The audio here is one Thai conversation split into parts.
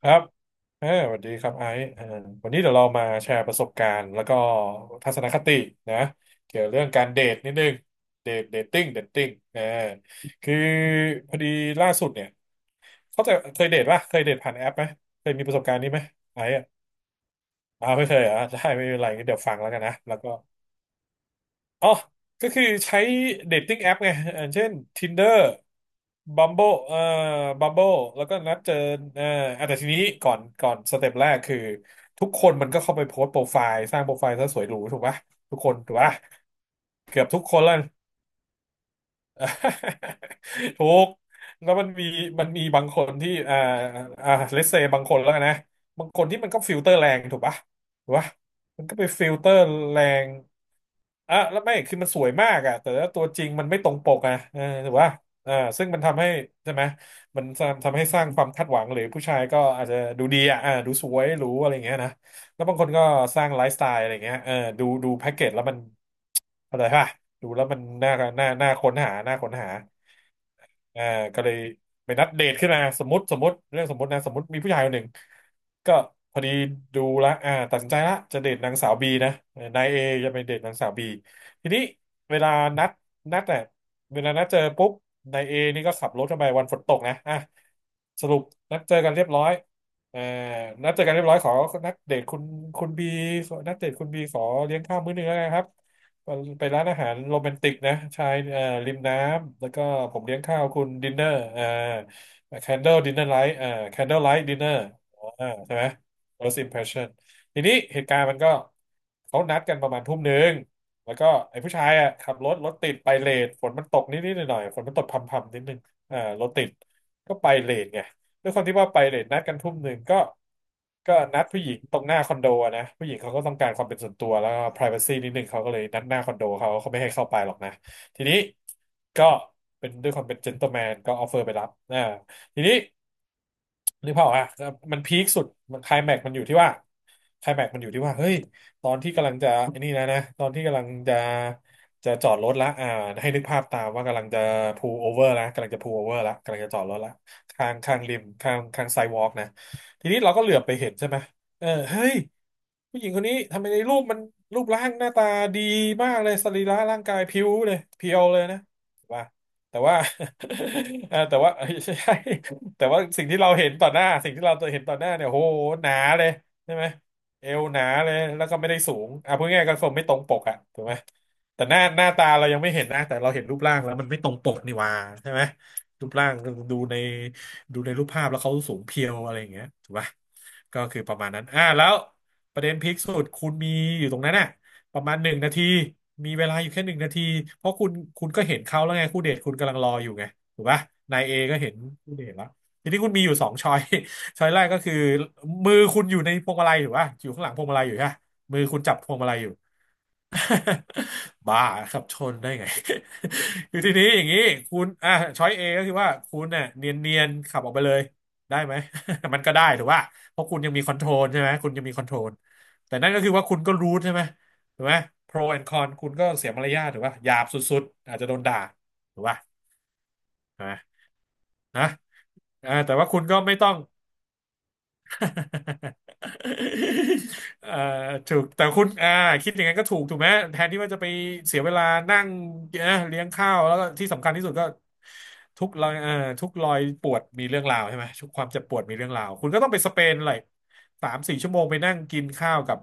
ครับเออสวัสดีครับไอซ์วันนี้เดี๋ยวเรามาแชร์ประสบการณ์ แล้วก็ทัศนคตินะเกี่ยวเรื่องการเดทนิดนึง เดทติ้งคือพอดีล่าสุดเนี่ยเขาใจะเคยเดทป่ะเคยเดทผ่านแอปไหม เคยมีประสบการณ์นี้ไหมไอซ์อ่ะอ้าวไม่เคยเหรอ่ะได้ไม่เป็นไรงั้นเดี๋ยวฟังแล้วกันนะแล้วก็ อ๋อ ก็คือใช้เดทติ้งแอปไงอย่างเช่น Tinder Bumble Bumble แล้วก็นัดเจอเอ่ออ่ะแต่ทีนี้ก่อนสเต็ปแรกคือทุกคนมันก็เข้าไปโพสต์โปรไฟล์สร้างโปรไฟล์ซะสวยหรูถูกปะทุกคนถูกปะเกือบทุกคนแล้ว ถูกแล้วมันมีบางคนที่เลสเซบางคนแล้วกันนะบางคนที่มันก็ฟิลเตอร์แรงถูกปะถูกปะมันก็ไปฟิลเตอร์แรงอ่ะแล้วไม่คือมันสวยมากอ่ะแต่ว่าตัวจริงมันไม่ตรงปกอ่ะเออถูกปะอ่าซึ่งมันทำให้ใช่ไหมมันทำให้สร้างความคาดหวังหรือผู้ชายก็อาจจะดูดีอ่ะดูสวยหรูอะไรอย่างเงี้ยนะแล้วบางคนก็สร้างไลฟ์สไตล์อะไรอย่างเงี้ยดูแพ็กเกจแล้วมันเข้าใจปะ ดูแล้วมันน่าค้นหาน่าค้นหาอ่าก็เลยไปนัดเดทขึ้นมาสมมติเรื่องสมมตินะสมมติมีผู้ชายคนหนึ่งก็พอดีดูละอ่าตัดสินใจละจะเดทนางสาวบีนะเออนายเอจะไปเดทนางสาวบีทีนี้เวลานัดนัดอ่ะเวลานัดเจอปุ๊บนายเอนี่ก็ขับรถเข้าไปวันฝนตกนะอ่ะสรุปนัดเจอกันเรียบร้อยเอ่อนัดเจอกันเรียบร้อยขอนัดเดทคุณบีนัดเดทคุณบีขอเลี้ยงข้าวมื้อหนึงแล้วกันครับ ไปร้านอาหารโรแมนติกนะชายริมน้ำแล้วก็ผมเลี้ยงข้าวคุณดินเนอร์candle dinner light candle light dinner ใช่ไหม first impression ทีนี้เหตุการณ์มันก็เขานัดกันประมาณทุ่มหนึ่งแล้วก็ไอ้ผู้ชายอ่ะขับรถติดไปเลทฝนมันตกนิดๆหน่อยๆฝนมันตกพรำๆนิดนึงรถติดไปเลทไง ด้วยความที่ว่าไปเลทนัดกันทุ่มหนึ่งก็นัดผู้หญิงตรงหน้าคอนโดอะนะผู้หญิงเขาก็ต้องการความเป็นส่วนตัวแล้วก็ privacy นิดนึงเขาก็เลยนัดหน้าคอนโดเขาเขาไม่ให้เข้าไปหรอกนะทีนี้ก็เป็นด้วยความเป็น gentleman ก็ออฟเฟอร์ไปรับทีนี้นึกภาพออกอ่ะมันพีคสุดมันไคลแม็กมันอยู่ที่ว่าไคลแม็กมันอยู่ที่ว่าเฮ้ยตอนที่กำลังจะไอ้นี่แล้วนะตอนที่กำลังจะจอดรถละอ่าให้นึกภาพตามว่ากำลังจะพูลโอเวอร์ละกำลังจะพูลโอเวอร์ละกำลังจะจอดรถละ ข้างริมข้างไซวอล์กนะทีนี้เราก็เหลือบไปเห็นใช่ไหมเออเฮ้ยผู้หญิงคนนี้ทำไมในรูปมันรูปร่างหน้าตาดีมากเลยสรีระร่างกายผิวเลยเพียวเลยนะว่าแต่ว่า เออแต่ว่าเอ้ยใช่ แต่ว่าสิ่งที่เราเห็นต่อหน้าสิ่งที่เราเห็นต่อหน้าเนี่ยโหหนาเลยใช่ไหมเอวหนาเลยแล้วก็ไม่ได้สูงอ่ะพูดง่ายๆก็คงไม่ตรงปกอ่ะถูกไหมแต่หน้าตาเรายังไม่เห็นนะแต่เราเห็นรูปร่างแล้วมันไม่ตรงปกนี่หว่าใช่ไหม รูปร่างดูในดูในรูปภาพแล้วเขาสูงเพรียวอะไรอย่างเงี้ยถูกปะก็คือประมาณนั้นแล้วประเด็นพีคสุดคุณมีอยู่ตรงนั้นน่ะประมาณหนึ่งนาทีมีเวลาอยู่แค่หนึ่งนาทีเพราะคุณก็เห็นเขาแล้วไงคู่เดทคุณกำลังรออยู่ไงถูกปะนายเอก็เห็นคู่เดทแล้วทีนี้คุณมีอยู่สองช้อย ช้อย แรกก็คือมือคุณอยู่ในพวงมาลัยถูกปะอยู่ข้างหลังพวงมาลัยอยู่ใช่ปะมือคุณจับพวงมาลัยอยู่ บ้าครับชนได้ไง คือทีนี้อย่างนี้คุณอ่ะช้อยเอก็คือว่าคุณเนี่ยเนียนๆขับออกไปเลยได้ไหม มันก็ได้ถือว่าเพราะคุณยังมีคอนโทรลใช่ไหมคุณยังมีคอนโทรลแต่นั่นก็คือว่าคุณก็รู้ใช่ไหมถูกไหมโปรแอนคอนคุณก็เสียมารยาทถูกป่ะหยาบสุดๆอาจจะโดนด่าถูกป่ะนะนะเออแต่ว่าคุณก็ไม่ต้อง เอ่อถูกแต่คุณคิดอย่างนั้นก็ถูกไหมแทนที่ว่าจะไปเสียเวลานั่งนะเลี้ยงข้าวแล้วก็ที่สำคัญที่สุดก็ทุกรอยเอ่อทุกรอยปวดมีเรื่องราวใช่ไหมทุกความเจ็บปวดมีเรื่องราวคุณก็ต้องไปสเปนเลยสามสี่ชั่วโมงไปนั่งกินข้าวกับ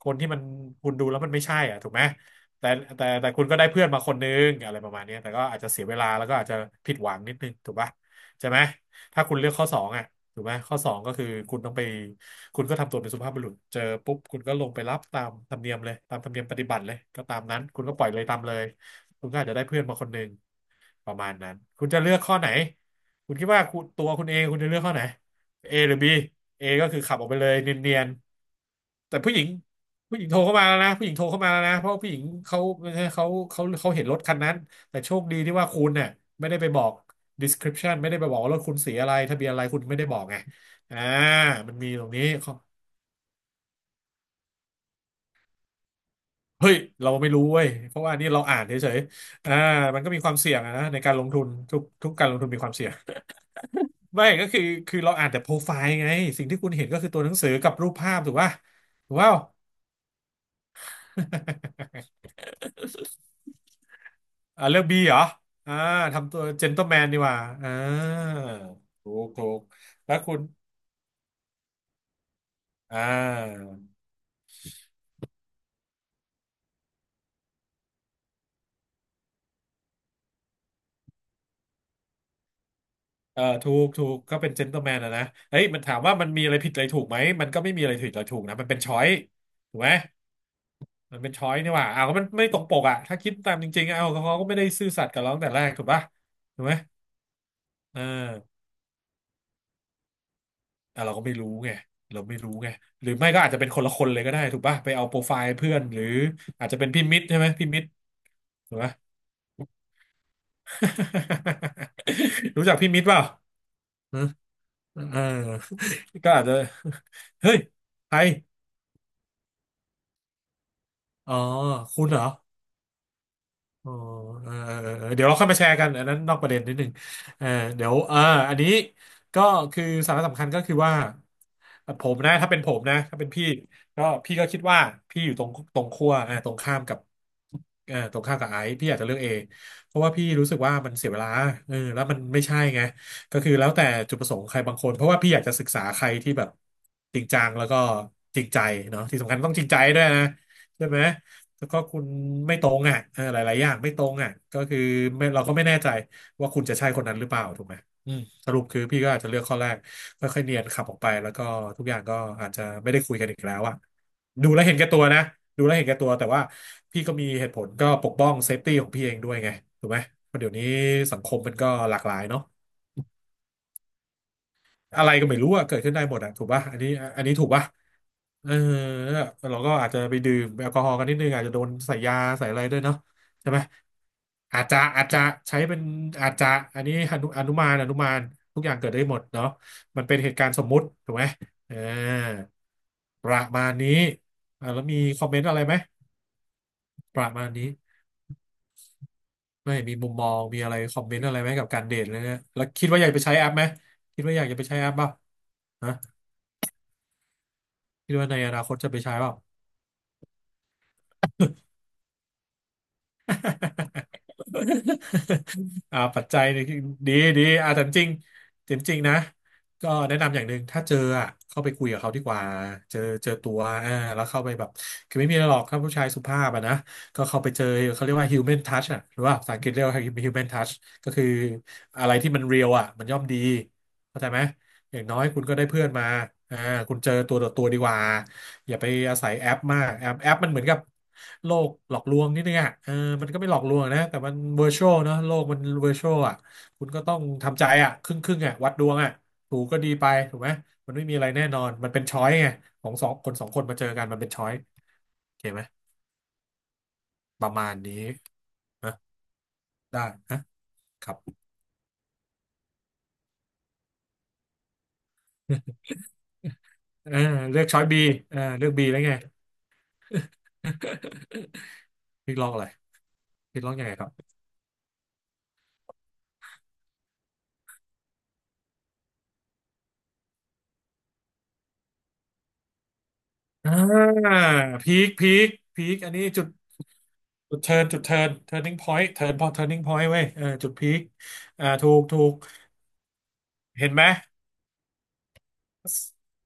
คนที่มันคุณดูแล้วมันไม่ใช่อ่ะถูกไหมแต่แต่คุณก็ได้เพื่อนมาคนนึงอะไรประมาณเนี้ยแต่ก็อาจจะเสียเวลาแล้วก็อาจจะผิดหวังนิดนึงถูกปะใช่ไหมถ้าคุณเลือกข้อสองอ่ะ ถูกไหมข้อสองก็คือคุณต้องไปคุณก็ทำตัวเป็นสุภาพบุรุษเจอปุ๊บคุณก็ลงไปรับตามธรรมเนียมเลยตามธรรมเนียมปฏิบัติเลยก็ตามนั้นคุณก็ปล่อยเลยตามเลยคุณก็อาจจะได้เพื่อนมาคนหนึ่ง ประมาณนั้นคุณจะเลือกข้อไหนคุณคิดว่าคุณตัวคุณเองคุณจะเลือกข้อไหน A หรือ B A ก็คือขับออกไปเลยเนียนๆแต่ผู้หญิงโทรเข้ามาแล้วนะผู้หญิงโทรเข้ามาแล้วนะเพราะผู้หญิงเขาเขาเห็นรถคันนั้นแต่โชคดีที่ว่าคุณเนี่ยไม่ได้ไปบอก description ไม่ได้ไปบอกว่ารถคุณสีอะไรทะเบียนอะไรคุณไม่ได้บอกไงอ่ามันมีตรงนี้ข้อเฮ้ยเราไม่รู้เว้ยเพราะว่านี่เราอ่านเฉยๆมันก็มีความเสี่ยงอะนะในการลงทุนทุกการลงทุนมีความเสี่ยง ไม่ก็คือเราอ่านแต่โปรไฟล์ไงสิ่งที่คุณเห็นก็คือตัวหนังสือกับรูปภาพถูกป่ะถูกเปล่า อ่าเลือกบีเหรออ่าทำตัวเจน t l e m แมนดีกว่าอ่าถูกแล้วคุณอ่าเออถูกก็เป็นเจน t l e m แมนนะนะเฮ้ยมันถามว่ามันมีอะไรผิดอะไรถูกไหมมันก็ไม่มีอะไรผิดอะไรถูกนะมันเป็นช้อยถูกไหมมันเป็นช้อยนี่หว่าอ้าวก็มันไม่ตรงปกอ่ะถ้าคิดตามจริงๆเอาเขาก็ไม่ได้ซื่อสัตย์กับเราตั้งแต่แรกถูกป่ะถูกไหมเออ อ่ะเราก็ไม่รู้ไงเราไม่รู้ไงหรือไม่ก็อาจจะเป็นคนละคนเลยก็ได้ถูกป่ะไปเอาโปรไฟล์เพื่อนหรืออาจจะเป็นพี่มิตรใช่ไหมพี่มิตรถูกป่ะ รู้จักพี่มิตรเปล่าฮะเออก็อาจจะเฮ้ยใครอ๋อคุณเหรอ อ๋อเออเดี๋ยวเราค่อยมาแชร์กันอันนั้นนอกประเด็นนิดหนึงเออเดี๋ยวอันนี้ก็คือสาระสำคัญก็คือว่าผมนะถ้าเป็นผมนะถ้าเป็นพี่ก็พี่ก็คิดว่าพี่อยู่ตรงขั้วเอาตรงข้ามกับเออตรงข้ามกับไอซ์พี่อาจจะเลือกเอเพราะว่าพี่รู้สึกว่ามันเสียเวลาเออแล้วมันไม่ใช่ไงก็คือแล้วแต่จุดประสงค์ใครบางคนเพราะว่าพี่อยากจะศึกษาใครที่แบบจริงจังแล้วก็จริงใจเนาะที่สำคัญต้องจริงใจด้วยนะใช่ไหม แล้วก็คุณไม่ตรงอ่ะเออหลายๆอย่างไม่ตรงอ่ะก็คือไม่เราก็ไม่แน่ใจว่าคุณจะใช่คนนั้นหรือเปล่าถูกไหมอืมสรุปคือพี่ก็อาจจะเลือกข้อแรกค่อยๆเนียนขับออกไปแล้วก็ทุกอย่างก็อาจจะไม่ได้คุยกันอีกแล้วอ่ะดูแลวเห็นแก่ตัวนะดูแลวเห็นแก่ตัวแต่ว่าพี่ก็มีเหตุผลก็ปกป้องเซฟตี้ของพี่เองด้วยไงถูกไหมเพราะเดี๋ยวนี้สังคมมันก็หลากหลายเนาะ อะไรก็ไม่รู้อะเกิดขึ้นได้หมดอะถูกป่ะอันนี้ถูกป่ะเออเราก็อาจจะไปดื่มแอลกอฮอล์กันนิดนึงอาจจะโดนใส่ยาใส่อะไรด้วยเนาะใช่ไหมอาจจะใช้เป็นอาจจะอันนี้อนุมานทุกอย่างเกิดได้หมดเนาะมันเป็นเหตุการณ์สมมุติถูกไหมเออประมาณนี้อ่ะแล้วมีคอมเมนต์อะไรไหมประมาณนี้ไม่มีมุมมองมีอะไรคอมเมนต์อะไรไหมกับการเดทเลยเนี่ยแล้วคิดว่าอยากไปใช้แอปไหมคิดว่าอยากจะไปใช้แอปเปล่าฮะคิดว่าในอนาคตจะไปใช้เปล่า อ่าปัจจัยนี่ดีดีอ่าแต่จริงจริงจริงๆนะก็แนะนำอย่างหนึ่งถ้าเจออ่ะเข้าไปคุยกับเขาดีกว่าเจอตัวอ่าแล้วเข้าไปแบบคือไม่มีอะไรหรอกคร้าผู้ชายสุภาพอ่ะนะก็เข้าไปเจอเขาเรียกว่า human touch อ่ะหรือว่าภาษาอังกฤษเรียกว่า human touch ก็คืออะไรที่มันเรียลอ่ะมันย่อมดีเข้าใจไหม อย่างน้อยคุณก็ได้เพื่อนมาอ่าคุณเจอตัวต่อตัวดีกว่าอย่าไปอาศัยแอปมาก แอปมันเหมือนกับโลกหลอกลวงนิดนึงอ่ะเออมันก็ไม่หลอกลวงนะแต่มันเวอร์ชวลเนอะโลกมันเวอร์ชวลอ่ะคุณก็ต้องทำใจอ่ะครึ่งครึ่งอ่ะวัดดวงอ่ะถูกก็ดีไปถูกไหมมันไม่มีอะไรแน่นอนมันเป็นช้อยไงของสองคนสองคนมาเจอกันมันเป็นช้อยโอเคไหมประมาณนี้นะได้นะครับ เออเลือกช้อยบีเออเลือกบีแล้วไง พี่ลอกอะไรพี่ลอกยังไงครับ อ่าพีคพีคอันนี้จุดจุดเทิร์นจุดเทิร์น turning point เทิร์นพอ turning point เว้ยเออจุดพีคอ่าถูกเห็นไหมเส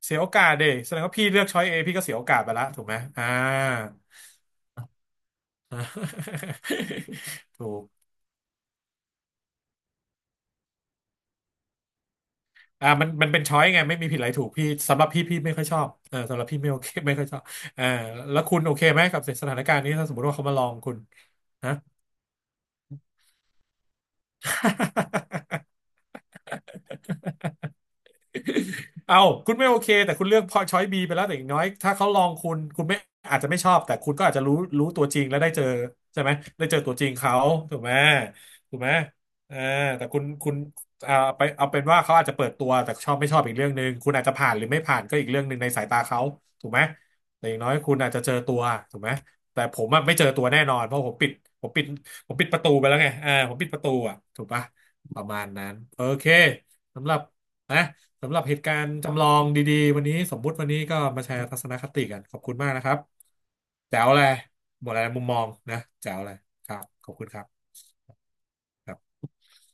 เสียโอกาสแสดงว่าพี่เลือกช้อยเอพี่ก็เสียโอกาสไปละถูกไหมอ่า ถูกอ่ามันเป็นช้อยไงไม่มีผิดอะไรถูกพี่สำหรับพี่ไม่ค่อยชอบเออสำหรับพี่ไม่โอเค ไม่ค่อยชอบเออแล้วคุณโอเคไหมกับสถานการณ์นี้ถ้าสมมติว่าเขามาลองคุณฮะ เอาคุณไม่โอเคแต่คุณเลือกพอช้อยบีไปแล้วแต่อย่างน้อยถ้าเขาลองคุณคุณไม่อาจจะไม่ชอบแต่คุณก็อาจจะรู้รู้ตัวจริงแล้วได้เจอใช่ไหมได้เจอตัวจริงเขาถูกไหมถูกไหมเออแต่คุณเอาไปเอาเป็นว่าเขาอาจจะเปิดตัวแต่ชอบไม่ชอบอีกเรื่องหนึ่งคุณอาจจะผ่านหรือไม่ผ่านก็อีกเรื่องหนึ่งในสายตาเขาถูกไหมแต่อย่างน้อยคุณอาจจะเจอตัวถูกไหมแต่ผมอะไม่เจอตัวแน่นอนเพราะผมปิดผมปิดผมปิดประตูไปแล้วไงเออผมปิดประตูอ่ะถูกปะประมาณนั้นโอเคสำหรับนะ สำหรับเหตุการณ์จำลองดีๆวันนี้สมมุติวันนี้ก็มาแชร์ทัศนคติกันขอบคุณมากนะครับแจ๋วเลยหมดอะไรมุมมองนะแจ๋วเลยครับขอบคุณครับ